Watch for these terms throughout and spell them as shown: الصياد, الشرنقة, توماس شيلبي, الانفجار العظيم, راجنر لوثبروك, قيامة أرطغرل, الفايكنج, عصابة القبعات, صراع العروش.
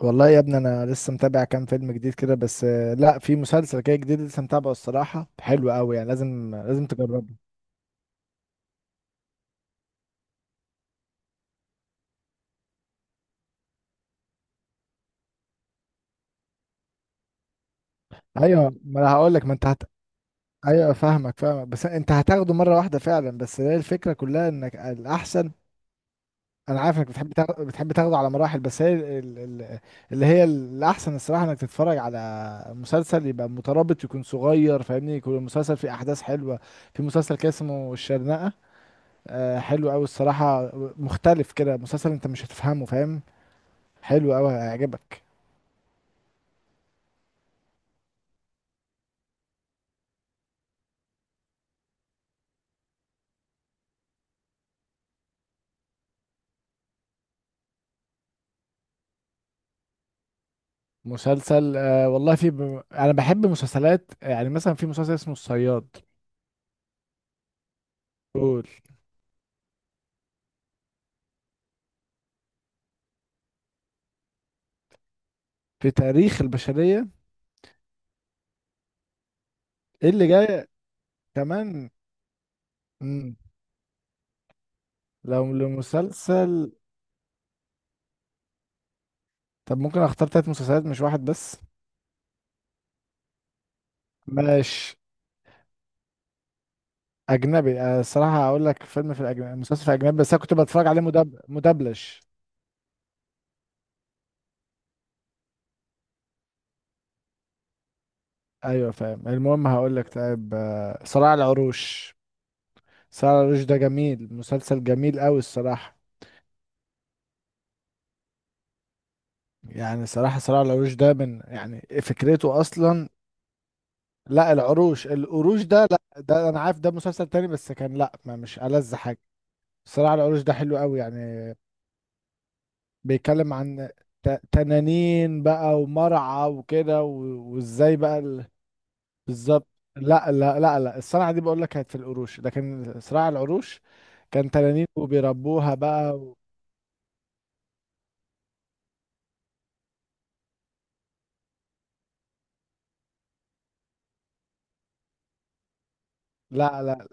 والله يا ابني انا لسه متابع كام فيلم جديد كده بس لا في مسلسل كده جديد لسه متابعه الصراحه حلو قوي يعني لازم لازم تجربه. ايوه ما انا هقول لك ما انت ايوه فاهمك فاهمك بس انت هتاخده مره واحده فعلا، بس هي الفكره كلها انك الاحسن. انا عارف انك بتحب بتحب تاخده على مراحل، بس هي ال... ال... اللي هي الاحسن الصراحه انك تتفرج على مسلسل يبقى مترابط، يكون صغير فاهمني، يكون المسلسل فيه احداث حلوه. في مسلسل كده اسمه الشرنقه، حلو قوي الصراحة. مختلف كده مسلسل، انت مش هتفهمه فاهم، حلو قوي هيعجبك. مسلسل والله في انا بحب مسلسلات يعني، مثلا في مسلسل اسمه الصياد. قول. في تاريخ البشرية. ايه اللي جاي؟ كمان. مم. لو لمسلسل. طب ممكن اختار 3 مسلسلات مش واحد بس. ماشي. اجنبي الصراحة هقول لك فيلم، في الاجنبي مسلسل، في اجنبي، بس انا كنت بتفرج عليه مدبلج. ايوه فاهم. المهم هقول لك طيب، صراع العروش. سارة العروش ده جميل، مسلسل جميل قوي الصراحة. يعني صراحة سارة العروش ده من يعني فكرته أصلا. لا، العروش القروش ده لا، ده أنا عارف ده مسلسل تاني بس كان، لا ما مش ألذ حاجة. صراحة العروش ده حلو قوي يعني. بيتكلم عن تنانين بقى ومرعى وكده وإزاي بقى بالظبط. لا لا لا لا، الصنعة دي بقول لك كانت في القروش، لكن صراع العروش كان تنانين وبيربوها بقى لا لا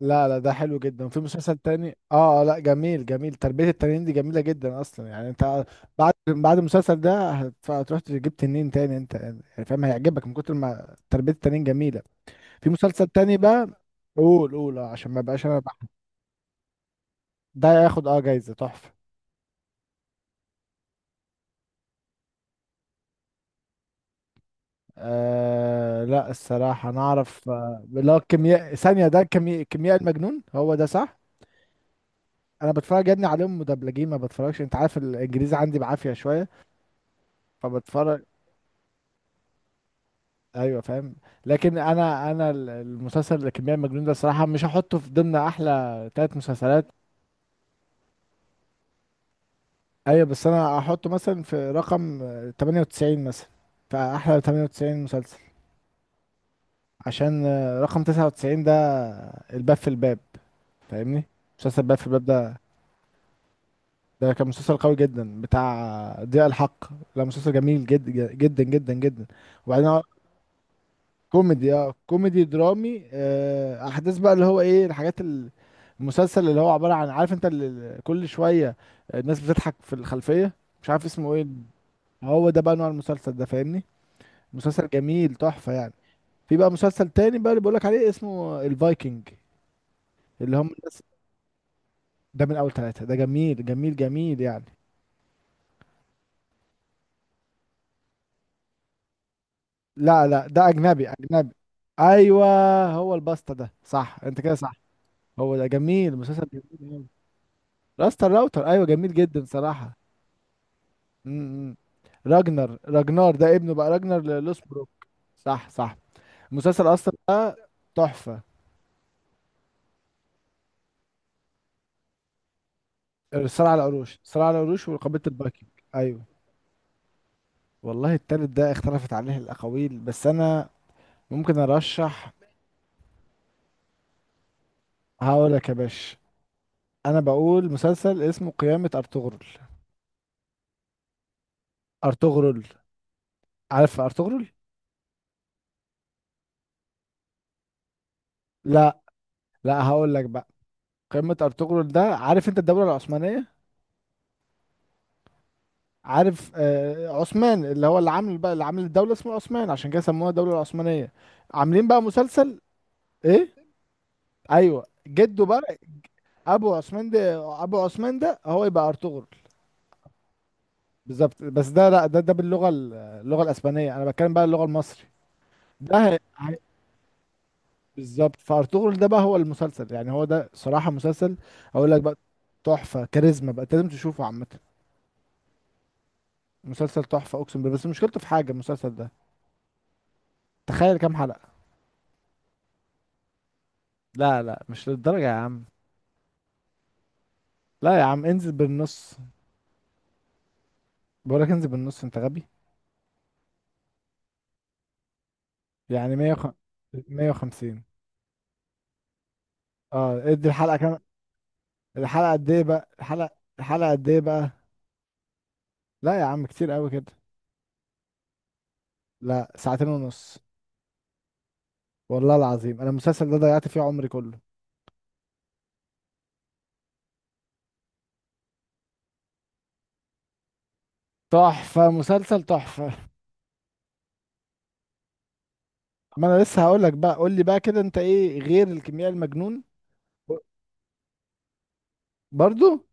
لا لا ده حلو جدا، وفي مسلسل تاني، لا جميل جميل، تربية التنين دي جميلة جدا اصلا يعني انت. بعد المسلسل ده هتروح تجيب تنين تاني انت، يعني فاهم، هيعجبك من كتر ما تربية التنين جميلة. في مسلسل تاني بقى. قول قول، عشان ما بقاش انا ده ياخد جايزة تحفة. لا الصراحة انا اعرف، اللي هو الكيمياء ثانية، ده كيمياء المجنون، هو ده صح. انا بتفرج يا ابني عليهم مدبلجين، ما بتفرجش، انت عارف الانجليزي عندي بعافية شوية. فبتفرج. ايوه فاهم. لكن انا المسلسل الكمية المجنون ده الصراحه مش هحطه في ضمن احلى 3 مسلسلات. ايوه بس انا هحطه مثلا في رقم، 98 مثلا، في احلى 98 مسلسل، عشان رقم 99 ده الباب في الباب، فاهمني، مسلسل باب في الباب ده. ده كان مسلسل قوي جدا بتاع ضياء الحق. لا مسلسل جميل جدا جدا جدا جدا. وبعدين كوميدي، كوميدي درامي، احداث بقى اللي هو ايه الحاجات المسلسل اللي هو عبارة عن، عارف انت، اللي كل شوية الناس بتضحك في الخلفية، مش عارف اسمه ايه. هو ده بقى نوع المسلسل ده فاهمني. مسلسل جميل تحفة يعني. في بقى مسلسل تاني بقى اللي بقولك عليه، اسمه الفايكنج، اللي هم الناس. ده من اول ثلاثة، ده جميل جميل جميل يعني. لا لا، ده اجنبي اجنبي. ايوه هو الباستا ده صح، انت كده صح. هو ده جميل، مسلسل جميل أوي. راستا الراوتر، ايوه جميل جدا صراحة. امم. راجنر راجنار ده ابنه بقى، راجنر لوسبروك. صح صح. المسلسل اصلا ده تحفه. الصراع على العروش وقبيله البايكنج. ايوه والله التالت ده اختلفت عليه الاقاويل، بس انا ممكن ارشح. هقول لك يا باشا، انا بقول مسلسل اسمه قيامه ارطغرل. ارطغرل، عارف ارطغرل. لا لا، هقول لك بقى، قيامه ارطغرل ده، عارف انت الدوله العثمانيه، عارف، عثمان اللي هو اللي عامل الدولة اسمه عثمان، عشان كده سموها الدولة العثمانية، عاملين بقى مسلسل. ايه. ايوه جده بقى. ابو عثمان ده هو يبقى ارطغرل. بالظبط، بس ده لا، ده باللغة اللغة الاسبانية، انا بتكلم بقى اللغة المصري. ده بالظبط، فارطغرل ده بقى هو المسلسل يعني، هو ده صراحة مسلسل، اقول لك بقى، تحفة كاريزما بقى، أنت لازم تشوفه عامة. مسلسل تحفة اقسم بالله، بس مشكلته في حاجة، المسلسل ده تخيل كام حلقة. لا لا مش للدرجة يا عم. لا يا عم انزل بالنص. بقولك انزل بالنص انت غبي. يعني 100 150. اه ادي الحلقة كام. الحلقة قد ايه بقى الحلقة. الحلقة قد ايه بقى. لا يا عم كتير قوي كده. لا ساعتين ونص. والله العظيم انا المسلسل ده ضيعت فيه عمري كله. تحفة، مسلسل تحفة. ما انا لسه هقولك بقى، قول لي بقى كده، انت ايه غير الكيمياء المجنون؟ ب- برضو.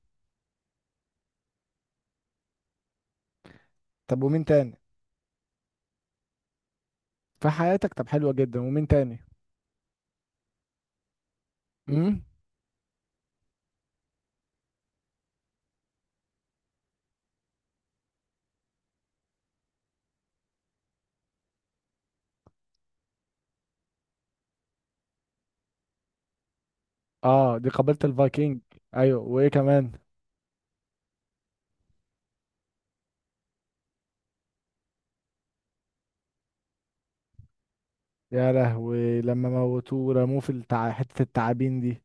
طب ومين تاني؟ في حياتك، طب حلوة جدا، ومين تاني؟ امم. اه دي قبيلة الفايكنج. ايوه وايه كمان؟ يا لهوي، لما موتوه ورموه في حتة التعابين دي.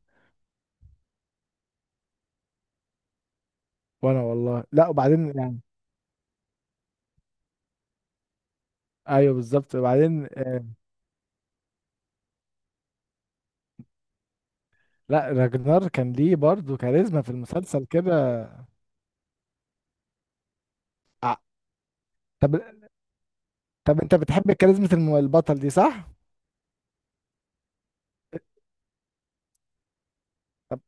وانا والله لا، وبعدين يعني. ايوه بالظبط، وبعدين لا راجنر كان ليه برضه كاريزما في المسلسل كده. ع- طب، طب انت بتحب كاريزما البطل دي صح؟ طب،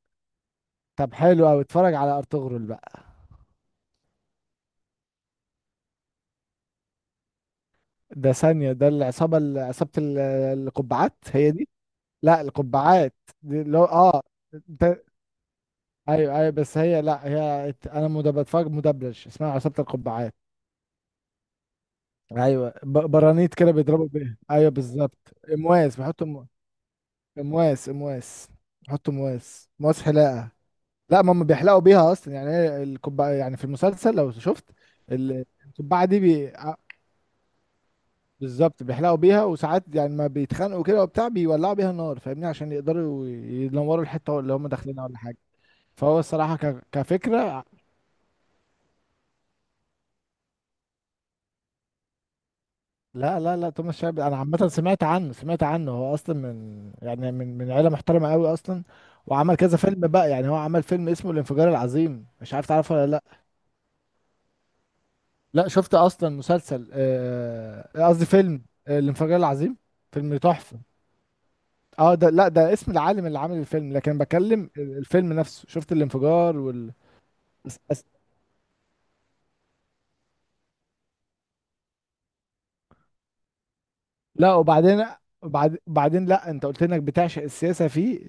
طب حلو قوي، اتفرج على ارطغرل بقى. ده ثانية، ده عصابة القبعات هي دي؟ لا القبعات. دي اللي هو ده... ايوه ايوه، بس هي لا انا بتفرج مدبلج، اسمها عصابة القبعات. ايوه برانيت كده بيضربوا بيه، ايوه بالظبط. امواس بيحطوا امواس امواس. بيحطوا امواس حلاقه. لا ما هم بيحلقوا بيها اصلا يعني، هي الكوبايه يعني في المسلسل لو شفت الكوبايه دي بالظبط، بيحلقوا بيها، وساعات يعني ما بيتخانقوا كده وبتاع، بيولعوا بيها النار فاهمني، عشان يقدروا ينوروا الحته اللي هم داخلينها ولا حاجه. فهو الصراحه كفكره. لا لا لا توماس شلبي، انا عامه سمعت عنه سمعت عنه، هو اصلا من، يعني، من عيله محترمه قوي اصلا. وعمل كذا فيلم بقى، يعني هو عمل فيلم اسمه الانفجار العظيم، مش عارف تعرفه ولا لا. لا شفت اصلا مسلسل، قصدي فيلم، الانفجار العظيم. فيلم تحفه. اه ده لا، ده اسم العالم اللي عامل الفيلم، لكن بكلم الفيلم نفسه، شفت الانفجار وال. لا وبعدين، بعدين لا انت قلت انك بتعشق السياسه فيه.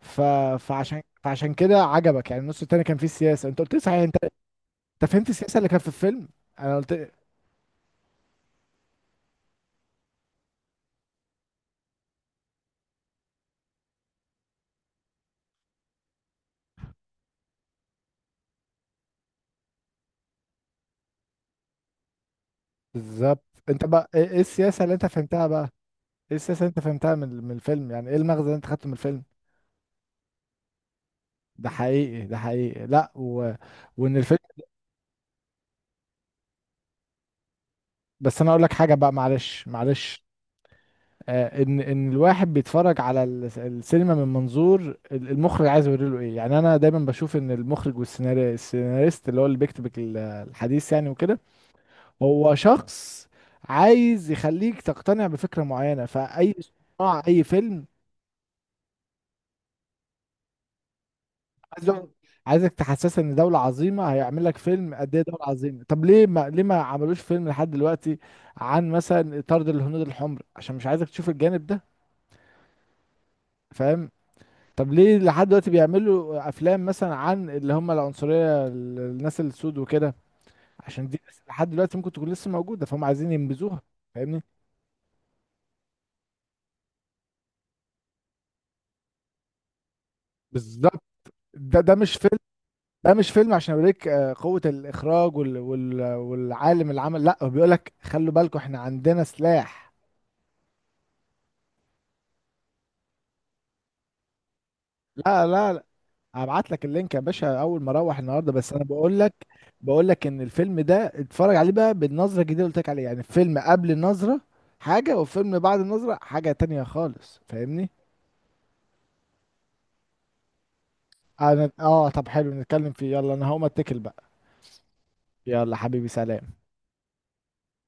ف... فعشان كده عجبك يعني، النص التاني كان فيه السياسه، انت قلت لي، صحيح انت؟ انت فهمت السياسه اللي كانت في الفيلم. انا قلت. بالظبط. انت بقى ايه السياسه اللي انت فهمتها بقى؟ ايه السياسه اللي انت فهمتها من الفيلم، يعني ايه المغزى اللي انت خدته من الفيلم؟ ده حقيقي ده حقيقي، لا وان الفيلم. بس انا اقول لك حاجه بقى، معلش معلش، ان الواحد بيتفرج على السينما من منظور المخرج، عايز يوري له ايه، يعني انا دايما بشوف ان المخرج والسيناري السيناريست اللي هو اللي بيكتب الحديث يعني وكده، هو شخص عايز يخليك تقتنع بفكرة معينة، فاي صناعة اي فيلم. عايز يقعد- عايزك تحسسك ان دولة عظيمة، هيعمل لك فيلم قد ايه دولة عظيمة، طب ليه، ما عملوش فيلم لحد دلوقتي عن مثلا طرد الهنود الحمر، عشان مش عايزك تشوف الجانب ده، فاهم؟ طب ليه لحد دلوقتي بيعملوا افلام مثلا عن، اللي هم العنصريه، الناس السود وكده، عشان دي لحد دلوقتي ممكن تكون لسه موجوده، فهم عايزين ينبذوها، فاهمني. بالظبط. ده مش فيلم، ده مش فيلم عشان اوريك، قوه الاخراج والعالم اللي عمل، لا هو بيقول لك خلوا بالكم احنا عندنا سلاح. لا لا، هبعت لك اللينك يا باشا اول ما اروح النهارده، بس انا بقول لك، بقول لك ان الفيلم ده اتفرج عليه بقى بالنظره الجديده اللي قلت لك عليها، يعني الفيلم قبل النظره حاجه، والفيلم بعد النظره حاجه تانية خالص فاهمني. انا طب حلو، نتكلم فيه، يلا انا هقوم اتكل بقى. يلا حبيبي سلام.